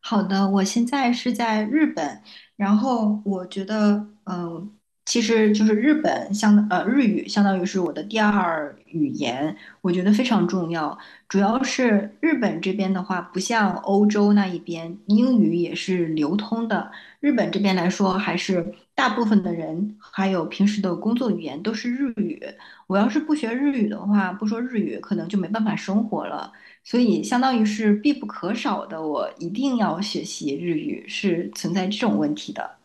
好的，我现在是在日本，然后我觉得，其实就是日语相当于是我的第二语言，我觉得非常重要。主要是日本这边的话，不像欧洲那一边英语也是流通的，日本这边来说，还是大部分的人还有平时的工作语言都是日语。我要是不学日语的话，不说日语，可能就没办法生活了。所以相当于是必不可少的，我一定要学习日语，是存在这种问题的。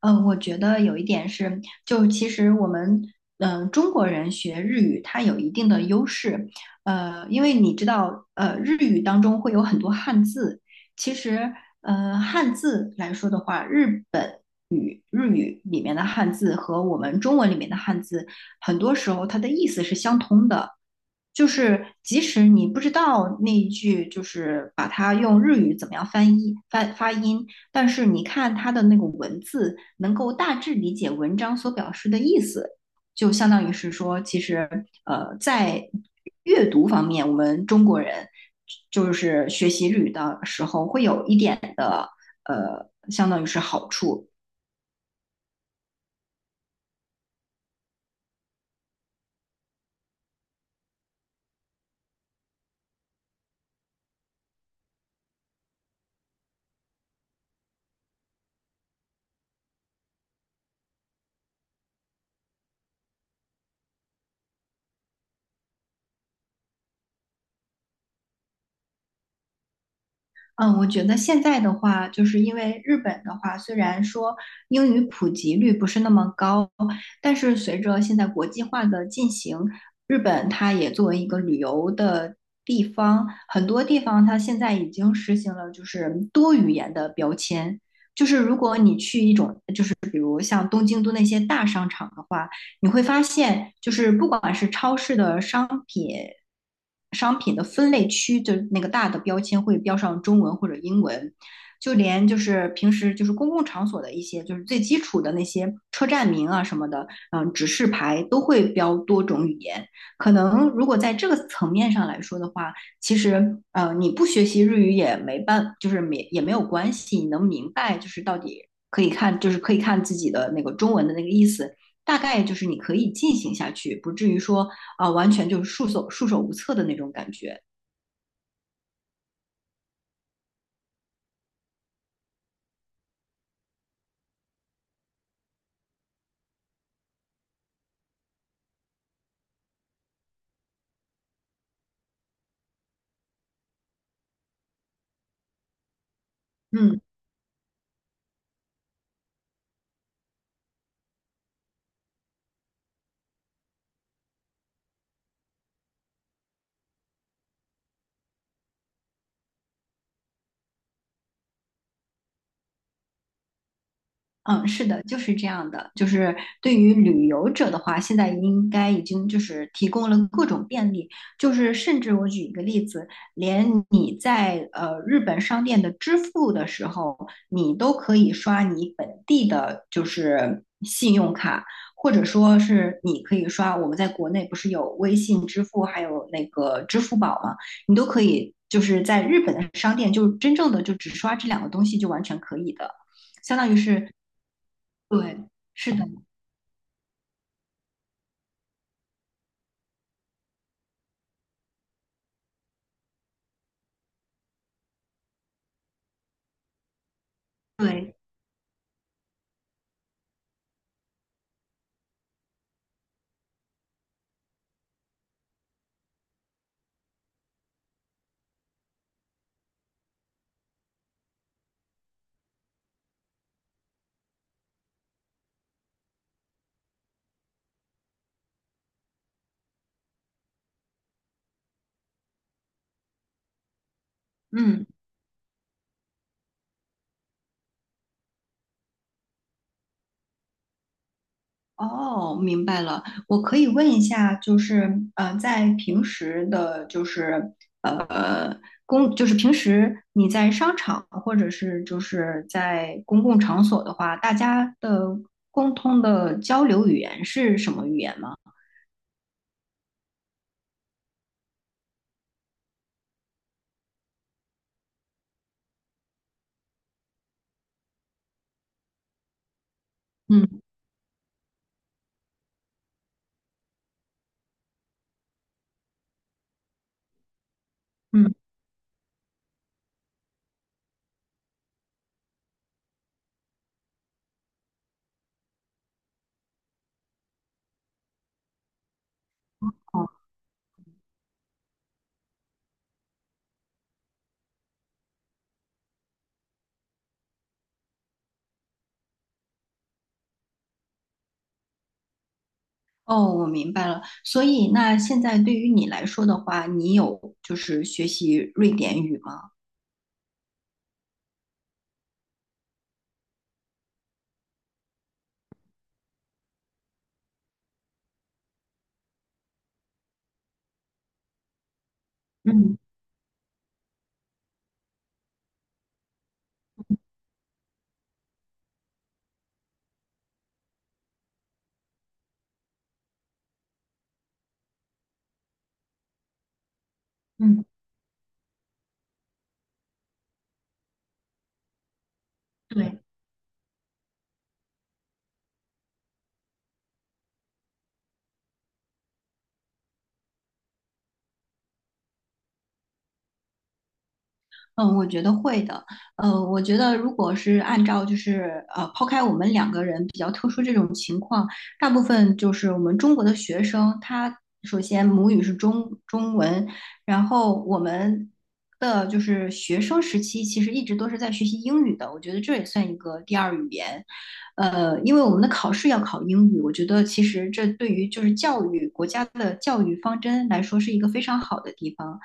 我觉得有一点是，就其实我们中国人学日语，它有一定的优势，因为你知道，日语当中会有很多汉字，其实。汉字来说的话，日语里面的汉字和我们中文里面的汉字，很多时候它的意思是相通的。就是即使你不知道那一句，就是把它用日语怎么样翻译翻发音，但是你看它的那个文字，能够大致理解文章所表示的意思，就相当于是说，其实,在阅读方面，我们中国人就是学习日语的时候会有一点的相当于是好处。嗯，我觉得现在的话，就是因为日本的话，虽然说英语普及率不是那么高，但是随着现在国际化的进行，日本它也作为一个旅游的地方，很多地方它现在已经实行了就是多语言的标签。就是如果你去一种，就是比如像东京都那些大商场的话，你会发现，就是不管是超市的商品，商品的分类区，就那个大的标签会标上中文或者英文，就连就是平时就是公共场所的一些就是最基础的那些车站名啊什么的，嗯，指示牌都会标多种语言。可能如果在这个层面上来说的话，其实,你不学习日语也没办，就是没有关系，你能明白就是到底。可以看，就是可以看自己的那个中文的那个意思，大概就是你可以进行下去，不至于说完全就是束手无策的那种感觉。嗯。嗯，是的，就是这样的。就是对于旅游者的话，现在应该已经就是提供了各种便利，就是甚至我举一个例子，连你在日本商店的支付的时候，你都可以刷你本地的，就是信用卡，或者说是你可以刷我们在国内不是有微信支付，还有那个支付宝吗？你都可以就是在日本的商店，就真正的就只刷这两个东西就完全可以的。相当于是对，是的，对，嗯，哦，明白了。我可以问一下，就是在平时的，就是呃公，就是平时你在商场或者是就是在公共场所的话，大家的共通的交流语言是什么语言吗？嗯嗯，哦哦，我明白了。所以那现在对于你来说的话，你有就是学习瑞典语吗？嗯嗯，对。嗯，我觉得会的。我觉得如果是按照就是,抛开我们两个人比较特殊这种情况，大部分就是我们中国的学生，他首先母语是中文，然后我们的就是学生时期其实一直都是在学习英语的，我觉得这也算一个第二语言。因为我们的考试要考英语，我觉得其实这对于就是教育国家的教育方针来说是一个非常好的地方。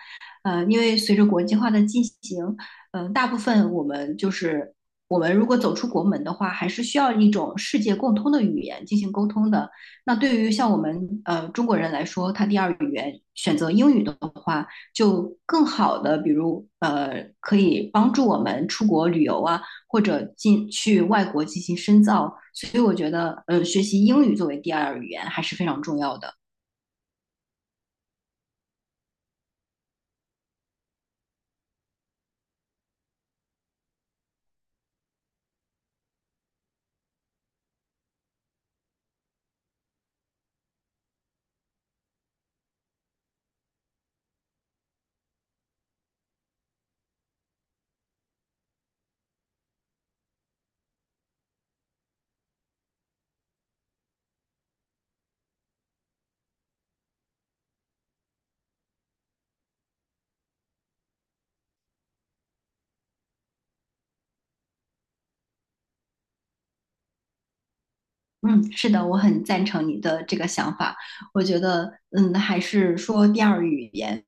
因为随着国际化的进行，大部分我们就是我们如果走出国门的话，还是需要一种世界共通的语言进行沟通的。那对于像我们中国人来说，他第二语言选择英语的话，就更好的，比如,可以帮助我们出国旅游啊，或者进去外国进行深造。所以我觉得，学习英语作为第二语言还是非常重要的。嗯，是的，我很赞成你的这个想法。我觉得，嗯，还是说第二语言。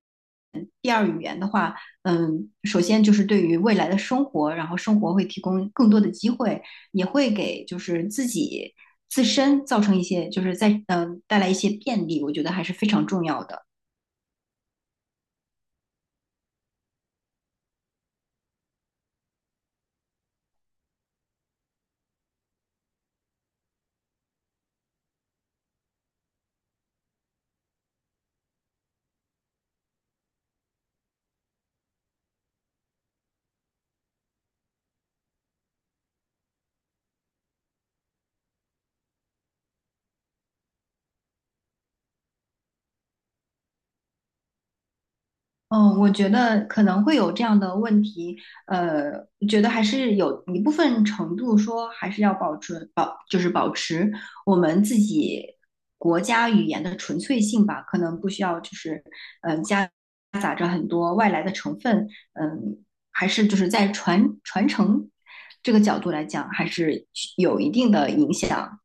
第二语言的话，嗯，首先就是对于未来的生活，然后生活会提供更多的机会，也会给就是自己自身造成一些，就是在带来一些便利，我觉得还是非常重要的。嗯，我觉得可能会有这样的问题，呃，觉得还是有一部分程度说还是要保持保，就是保持我们自己国家语言的纯粹性吧，可能不需要就是夹杂着很多外来的成分，嗯，还是就是在传承这个角度来讲，还是有一定的影响。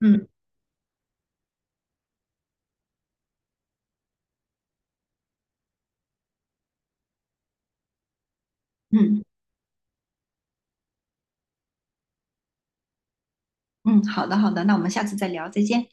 嗯，嗯嗯，好的好的，那我们下次再聊，再见。